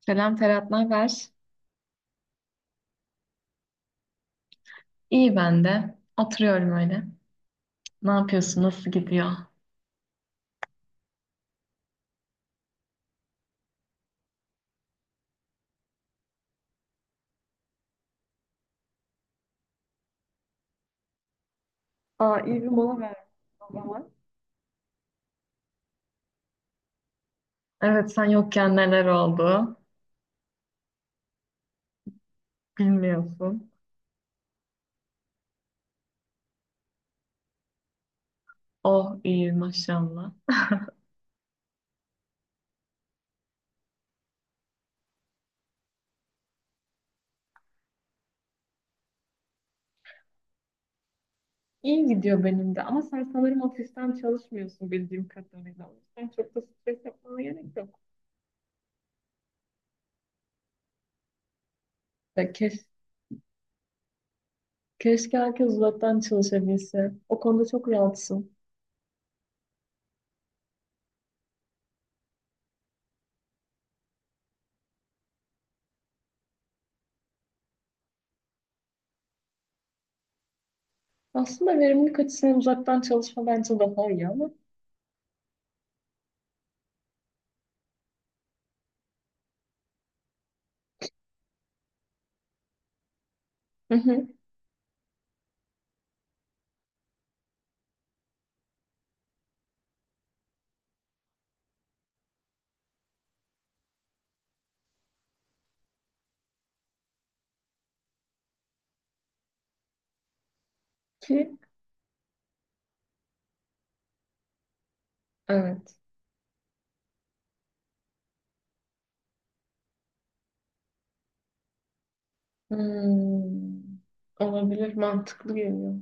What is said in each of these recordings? Selam Ferhat, ne haber? İyi ben de. Oturuyorum öyle. Ne yapıyorsun? Nasıl gidiyor? Aa, iyi bir mola vermiş o zaman. Evet, sen yokken neler oldu? Bilmiyorsun. Oh, iyi maşallah. İyi gidiyor benim de, ama sen sanırım ofisten çalışmıyorsun bildiğim kadarıyla. O yüzden çok da stres yapmana gerek yok. Ya keş- Keşke herkes uzaktan çalışabilse. O konuda çok rahatsın. Aslında verimlilik açısından uzaktan çalışma bence daha iyi ama. Hı hı. Ki evet. Hmm, olabilir, mantıklı geliyor.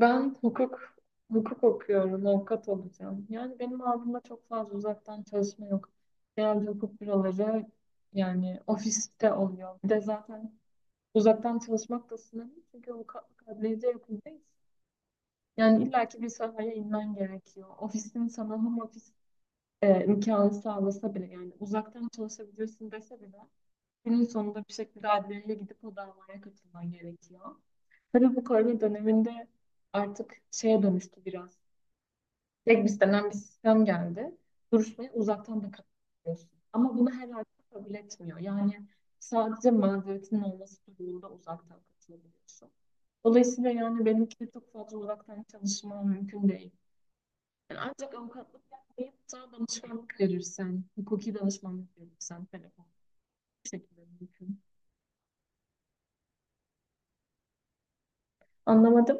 Ben hukuk okuyorum, avukat olacağım. Yani benim aldığımda çok fazla uzaktan çalışma yok. Genelde hukuk büroları yani ofiste oluyor. Bir de zaten uzaktan çalışmak da sınırlı, çünkü avukatlık adliyede yapıldıyız. Yani illaki bir sahaya inmen gerekiyor. Ofisin sana home office imkanı sağlasa bile, yani uzaktan çalışabilirsin dese bile, günün sonunda bir şekilde adliyeye gidip o davaya katılman gerekiyor. Tabii bu korona döneminde artık şeye dönüştü biraz. Tek biz bir sistem geldi. Duruşmayı uzaktan da katılıyorsun. Ama bunu herhalde kabul etmiyor. Yani sadece mazeretinin olması durumunda uzaktan katılabiliyorsun. Dolayısıyla yani benimki de çok fazla uzaktan çalışma mümkün değil. Yani ancak avukatlık yapmayıp da danışmanlık verirsen, hukuki danışmanlık verirsen, telefon bu şekilde mümkün. Anlamadım.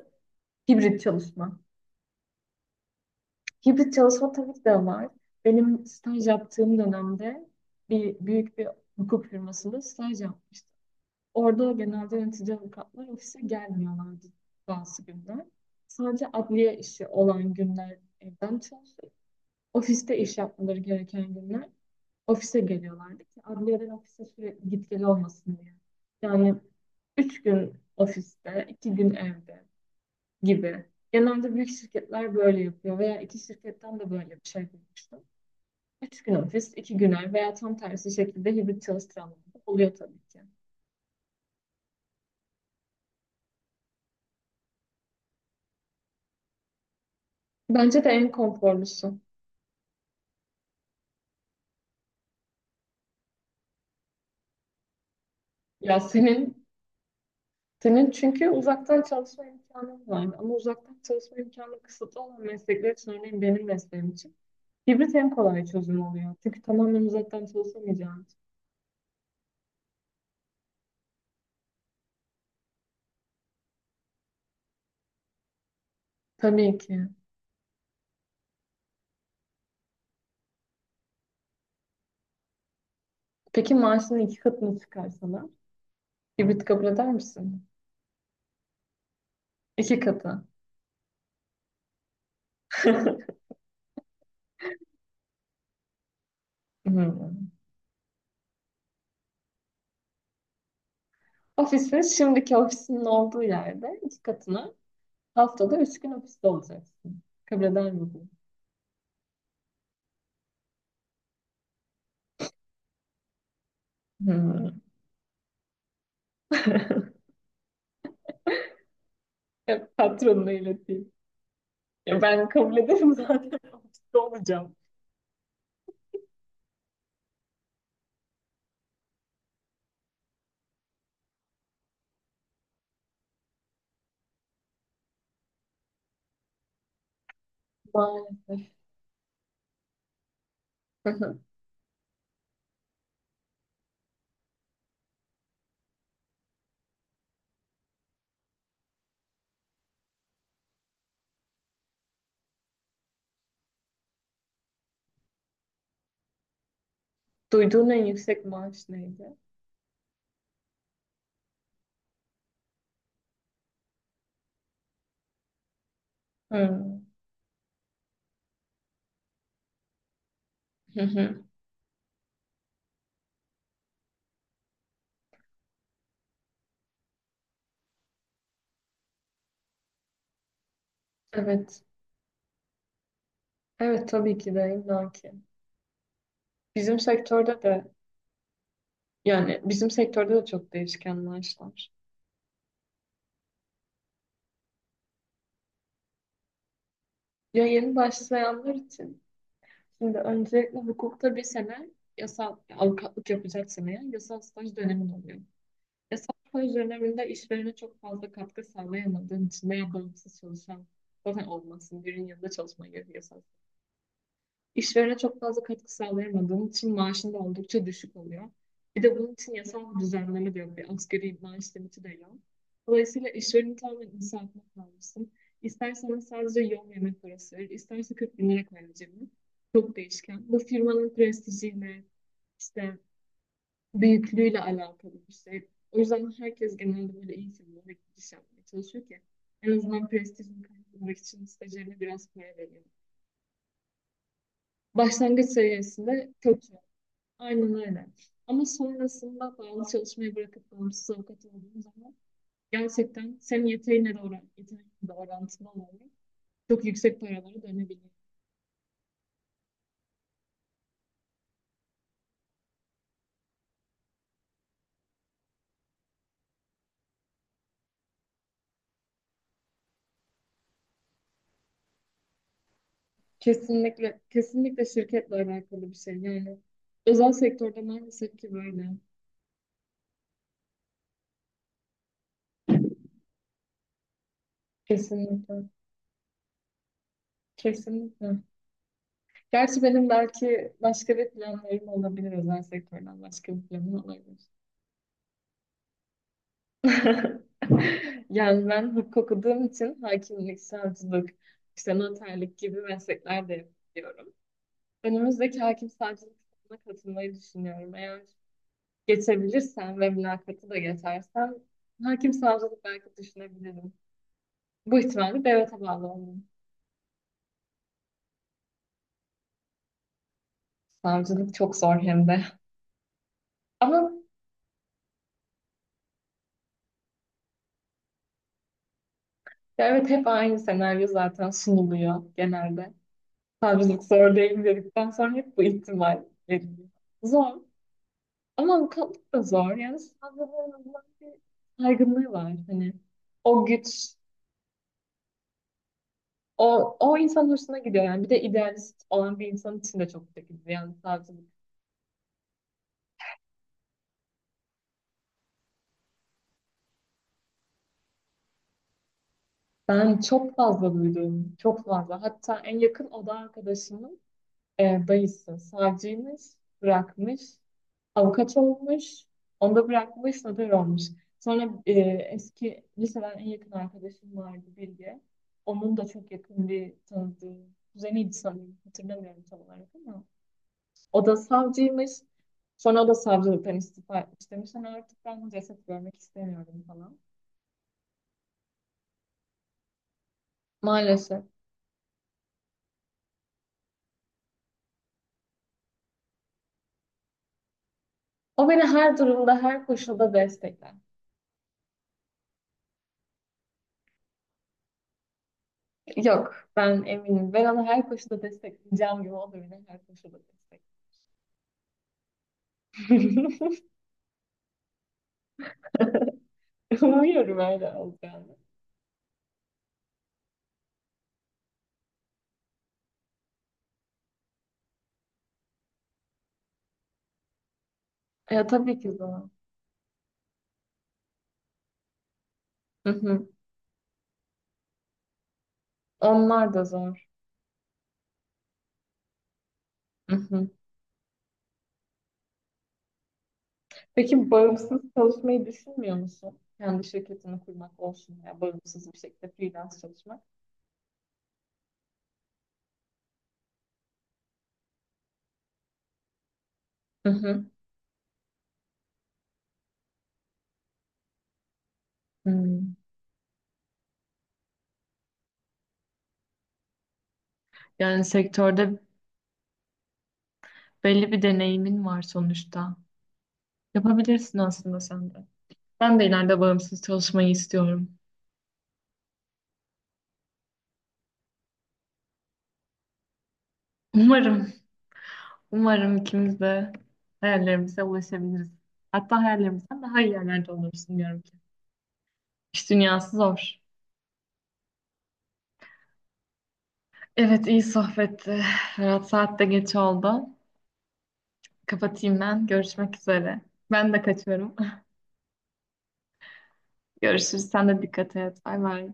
Hibrit çalışma. Hibrit çalışma tabii ki de var. Benim staj yaptığım dönemde büyük bir hukuk firmasında staj yapmıştım. Orada genelde yönetici avukatlar ofise gelmiyorlardı bazı günler. Sadece adliye işi olan günler evden çalışıyor. Ofiste iş yapmaları gereken günler ofise geliyorlardı ki adliyeden ofise sürekli git gel olmasın diye. Yani üç gün ofiste, iki gün evde gibi. Genelde büyük şirketler böyle yapıyor veya iki şirketten de böyle bir şey duymuştum. Üç gün ofis, iki gün ev veya tam tersi şekilde hibrit çalıştıranlar da oluyor tabii ki. Bence de en konforlusu. Ya senin çünkü uzaktan çalışma imkanın var, ama uzaktan çalışma imkanı kısıtlı olan meslekler için, örneğin benim mesleğim için, hibrit en kolay çözüm oluyor. Çünkü tamamen uzaktan çalışamayacağın için. Tabii ki. Peki maaşının iki katını çıkarsalar hibrit kabul eder misin? İki katı. Hmm. Ofisin şimdiki ofisinin olduğu yerde iki katına haftada üç gün ofiste olacaksın. Kabul eder misin? Hmm. Ya, patronuna ileteyim. Ya ben kabul ederim zaten, ofiste olacağım. Maalesef. Duyduğun en yüksek maaş neydi? Hmm. Hı hı. Evet. Evet, tabii ki de illaki. Bizim sektörde de Yani bizim sektörde de çok değişken maaşlar. Ya, yeni başlayanlar için şimdi öncelikle hukukta bir sene yasal avukatlık yapacaksan eğer, yasal staj dönemin oluyor. Yasal staj döneminde işverene çok fazla katkı sağlayamadığın için veya bağımsız çalışan zaten olmasın. Birinin yanında çalışmaya gerek yasal. İşverene çok fazla katkı sağlayamadığın için maaşın da oldukça düşük oluyor. Bir de bunun için yasal bir düzenleme de yok. Bir asgari maaş limiti de yok. Dolayısıyla işvereni tamamen inisiyatifine kalmışsın. İstersen ona sadece yol yemek parası verir, isterse 40 bin lira koyar cebine. Çok değişken. Bu firmanın prestijiyle, işte büyüklüğüyle alakalı bir şey. O yüzden herkes genelde böyle iyi firmalara giriş yapmaya çalışıyor ki en azından prestijini kaybetmek için stajyerine biraz para veriyor. Başlangıç seviyesinde kötü. Aynen öyle. Ama sonrasında bağlı çalışmayı bırakıp bağımsız avukat olduğum zaman gerçekten senin yeteneğine de oran, yeteneğinle de orantılı olarak çok yüksek paralara dönebiliyor. Kesinlikle, kesinlikle şirketle alakalı bir şey. Yani özel sektörde maalesef ki böyle. Kesinlikle. Kesinlikle. Gerçi benim belki başka bir planlarım olabilir, özel sektörden başka bir planım olabilir. Yani ben hukuk okuduğum için hakimlik, savcılık, işte noterlik gibi meslekler de yapıyorum. Önümüzdeki hakim savcılık sınavına katılmayı düşünüyorum. Eğer geçebilirsem ve mülakatı da geçersem, hakim savcılık belki düşünebilirim. Bu ihtimalle devlete bağlı olmalıyım. Savcılık çok zor hem de. Ama ya evet, hep aynı senaryo zaten sunuluyor genelde. Savcılık zor değil dedikten sonra hep bu ihtimal veriliyor. Zor. Ama avukatlık da zor. Yani savcılığın Allah'ın bir saygınlığı var. Hani o güç, o insan hoşuna gidiyor. Yani bir de idealist olan bir insan için de çok çekici. Yani savcılık. Ben çok fazla duydum. Çok fazla. Hatta en yakın oda arkadaşımın dayısı savcıymış, bırakmış. Avukat olmuş, onu da bırakmış, sanatör olmuş. Sonra eski liseden en yakın arkadaşım vardı, Bilge. Onun da çok yakın bir tanıdığı, kuzeniydi sanırım, hatırlamıyorum tam olarak ama. O da savcıymış. Sonra o da savcılıktan istifa etmiş, demiş, hani artık ben ceset görmek istemiyorum falan. Maalesef. O beni her durumda, her koşulda destekler. Yok, ben eminim. Ben onu her koşulda destekleyeceğim gibi o da beni her koşulda destekler. Umuyorum öyle olacağını. Ya, tabii ki zor. Hı hı. Onlar da zor. Hı hı. Peki bağımsız çalışmayı düşünmüyor musun? Kendi şirketini kurmak olsun ya bağımsız bir şekilde freelance çalışmak. Hı hı. Hmm. Yani sektörde belli bir deneyimin var sonuçta. Yapabilirsin aslında sen de. Ben de ileride bağımsız çalışmayı istiyorum. Umarım, umarım ikimiz de hayallerimize ulaşabiliriz. Hatta hayallerimizden daha iyi yerlerde oluruz diyorum ki. İş dünyası zor. Evet, iyi sohbetti. Ferhat, saat de geç oldu. Kapatayım ben. Görüşmek üzere. Ben de kaçıyorum. Görüşürüz. Sen de dikkat et. Bay bay.